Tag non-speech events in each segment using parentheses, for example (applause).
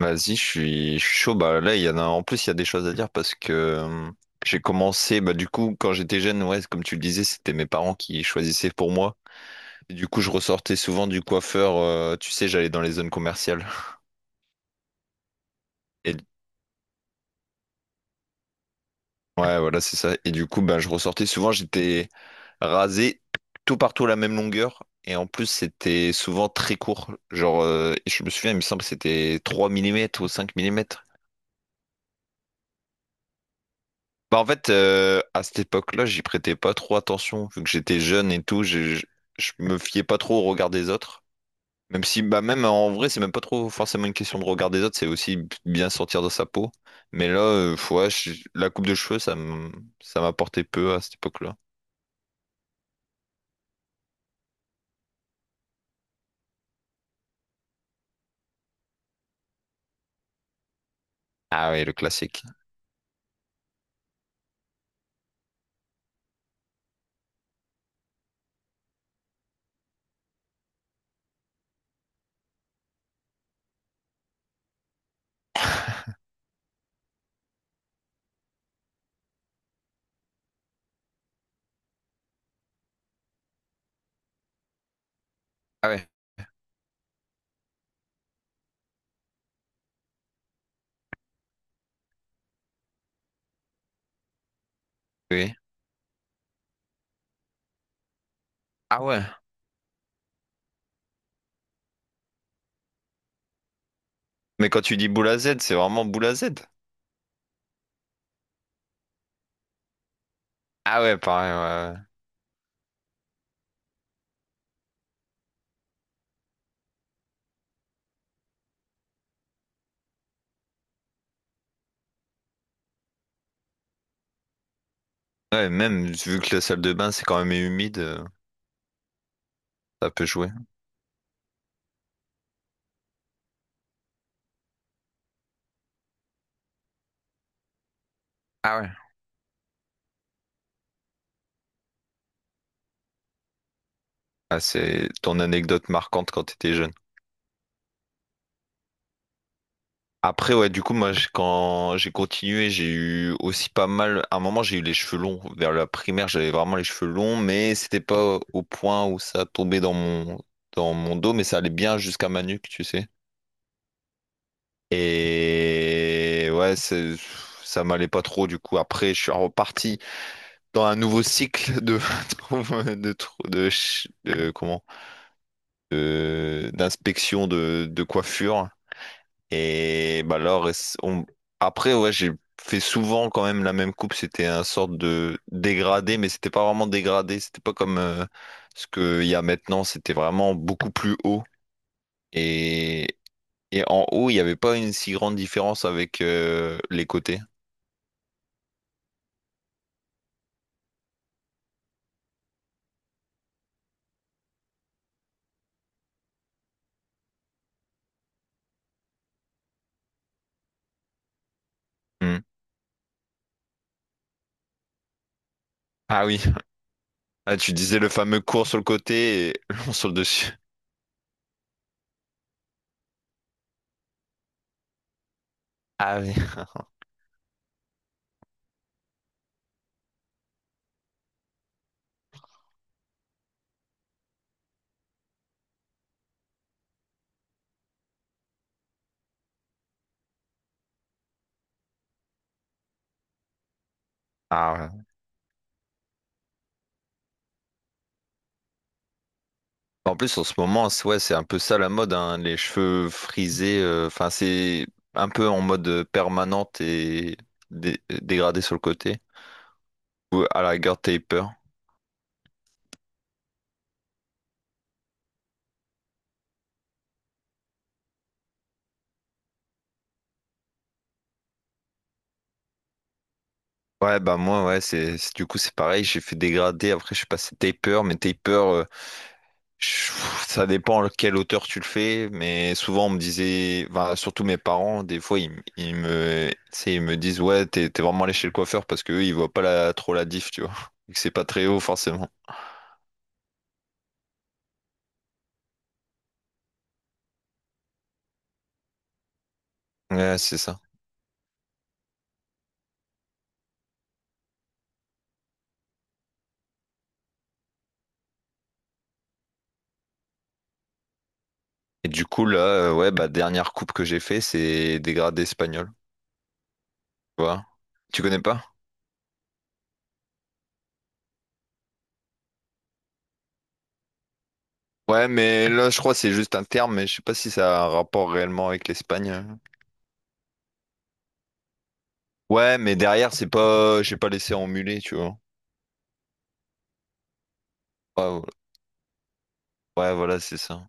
Vas-y, je suis chaud. Bah là, il y en a. En plus, il y a des choses à dire parce que j'ai commencé. Bah du coup, quand j'étais jeune, ouais, comme tu le disais, c'était mes parents qui choisissaient pour moi. Et du coup, je ressortais souvent du coiffeur. Tu sais, j'allais dans les zones commerciales. Et ouais, voilà, c'est ça. Et du coup, bah, je ressortais souvent. J'étais rasé tout partout à la même longueur. Et en plus, c'était souvent très court. Genre, je me souviens, il me semble que c'était 3 millimètres ou 5 millimètres. Bah en fait, à cette époque-là, j'y prêtais pas trop attention, vu que j'étais jeune et tout, je me fiais pas trop au regard des autres. Même si, bah même en vrai, c'est même pas trop forcément une question de regard des autres, c'est aussi bien sortir de sa peau. Mais là, ouais, la coupe de cheveux, ça m'apportait peu à cette époque-là. Ah ouais, le classique. Ah ouais. Oui. Ah ouais. Mais quand tu dis boule à Z, c'est vraiment boule à Z. Ah ouais, pareil, ouais. Ouais, ouais, même vu que la salle de bain, c'est quand même humide, ça peut jouer. Ah ouais. Ah, c'est ton anecdote marquante quand t'étais jeune. Après, ouais, du coup, moi, quand j'ai continué, j'ai eu aussi pas mal. À un moment, j'ai eu les cheveux longs. Vers la primaire, j'avais vraiment les cheveux longs, mais c'était pas au point où ça tombait dans mon dos, mais ça allait bien jusqu'à ma nuque, tu sais. Et ouais, ça m'allait pas trop, du coup. Après, je suis reparti dans un nouveau cycle de, (laughs) de, de, de, de- comment? De- d'inspection de coiffure. Et bah alors, on- après, ouais, j'ai fait souvent quand même la même coupe. C'était un sorte de dégradé, mais c'était pas vraiment dégradé. C'était pas comme ce qu'il y a maintenant. C'était vraiment beaucoup plus haut. Et, et en haut, il n'y avait pas une si grande différence avec les côtés. Hmm. Ah oui. Ah, tu disais le fameux court sur le côté et (laughs) long sur le dessus. Ah oui. Ah ouais. En plus, en ce moment, ouais, c'est un peu ça la mode, hein, les cheveux frisés. Enfin, c'est un peu en mode permanente et dégradé sur le côté. Ou à la rigueur, taper. Ouais, bah moi, ouais, du coup, c'est pareil. J'ai fait dégrader. Après, je suis passé taper, mais taper. Je- ça dépend à quelle hauteur tu le fais, mais souvent on me disait, enfin, surtout mes parents, des fois ils, ils me, tu sais, ils me disent ouais, t'es vraiment allé chez le coiffeur parce que ils voient pas la, trop la diff, tu vois, (laughs) et que c'est pas très haut forcément. Ouais, c'est ça. Et du coup là, ouais, bah dernière coupe que j'ai fait, c'est dégradé espagnol, tu vois. Tu connais pas? Ouais, mais là je crois que c'est juste un terme, mais je sais pas si ça a un rapport réellement avec l'Espagne. Ouais, mais derrière c'est pas, j'ai pas laissé en mulet, tu vois. Ouais, ouais, voilà, c'est ça.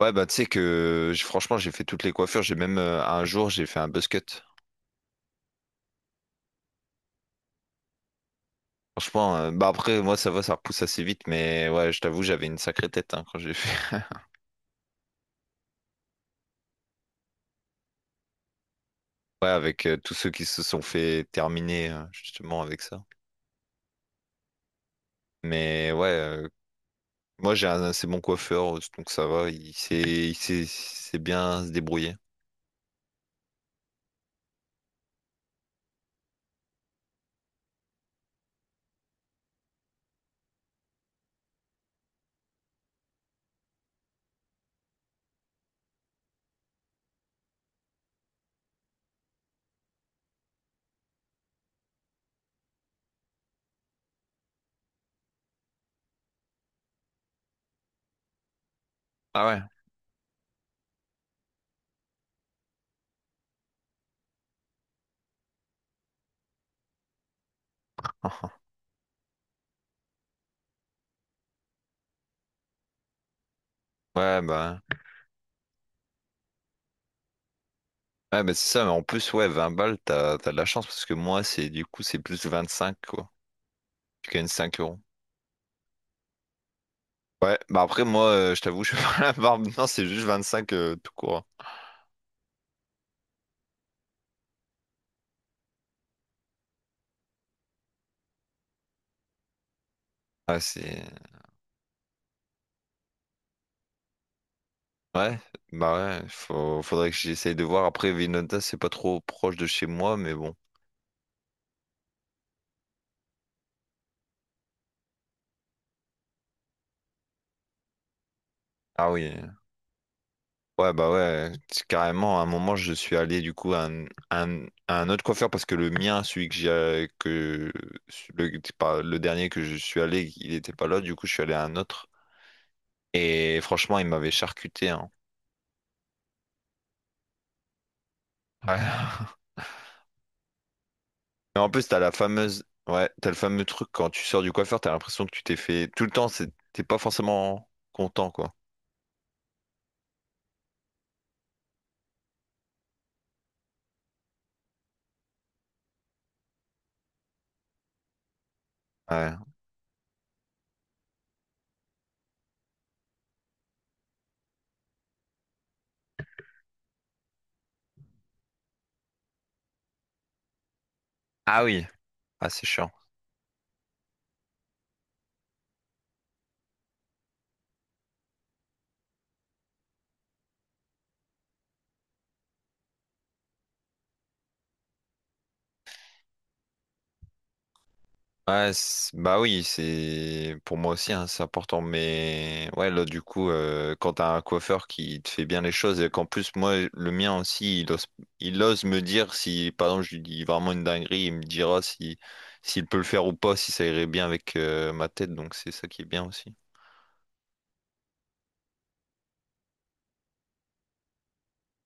Ouais, bah, tu sais que franchement, j'ai fait toutes les coiffures. J'ai même un jour, j'ai fait un buzz cut. Franchement, bah après, moi, ça va, ça repousse assez vite. Mais ouais, je t'avoue, j'avais une sacrée tête hein, quand j'ai fait. (laughs) Ouais, avec tous ceux qui se sont fait terminer justement avec ça. Mais ouais, moi, j'ai un assez bon coiffeur, donc ça va. Il sait bien se débrouiller. Ah ouais? (laughs) Ouais, bah. Ouais, bah, c'est ça, mais en plus, ouais, 20 balles, t'as de la chance parce que moi, c'est du coup, c'est plus 25 quoi. Je gagne 5 euros. Ouais, bah après, moi, je t'avoue, (laughs) je fais pas la barbe. Non, c'est juste 25 tout court. Ah, c'est. Ouais, bah ouais, faudrait que j'essaye de voir. Après, Vinota, c'est pas trop proche de chez moi, mais bon. Ah oui. Ouais, bah ouais, c'est carrément, à un moment, je suis allé du coup à un autre coiffeur parce que le mien, celui que j'ai. Que... Le... c'est pas- le dernier que je suis allé, il était pas là, du coup, je suis allé à un autre. Et franchement, il m'avait charcuté, hein. (laughs) Ouais. Et en plus, t'as la fameuse, ouais, t'as le fameux truc quand tu sors du coiffeur, t'as l'impression que tu t'es fait tout le temps, t'es pas forcément content, quoi. Ouais. Ah oui, ah c'est chiant. Ouais, bah oui, c'est pour moi aussi, hein, c'est important. Mais ouais, là du coup, quand t'as un coiffeur qui te fait bien les choses et qu'en plus moi, le mien aussi, il ose me dire si, par exemple, je lui dis vraiment une dinguerie, il me dira si, s'il peut le faire ou pas, si ça irait bien avec ma tête. Donc c'est ça qui est bien aussi.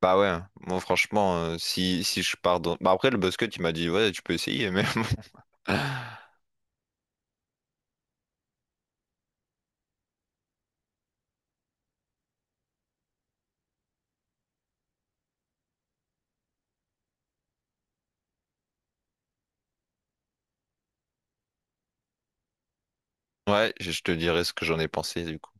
Bah ouais, hein. Moi franchement, si, si je pars dans... Bah après, le basket, il m'a dit, ouais, tu peux essayer, mais... (laughs) bon. Ouais, je te dirai ce que j'en ai pensé, du coup.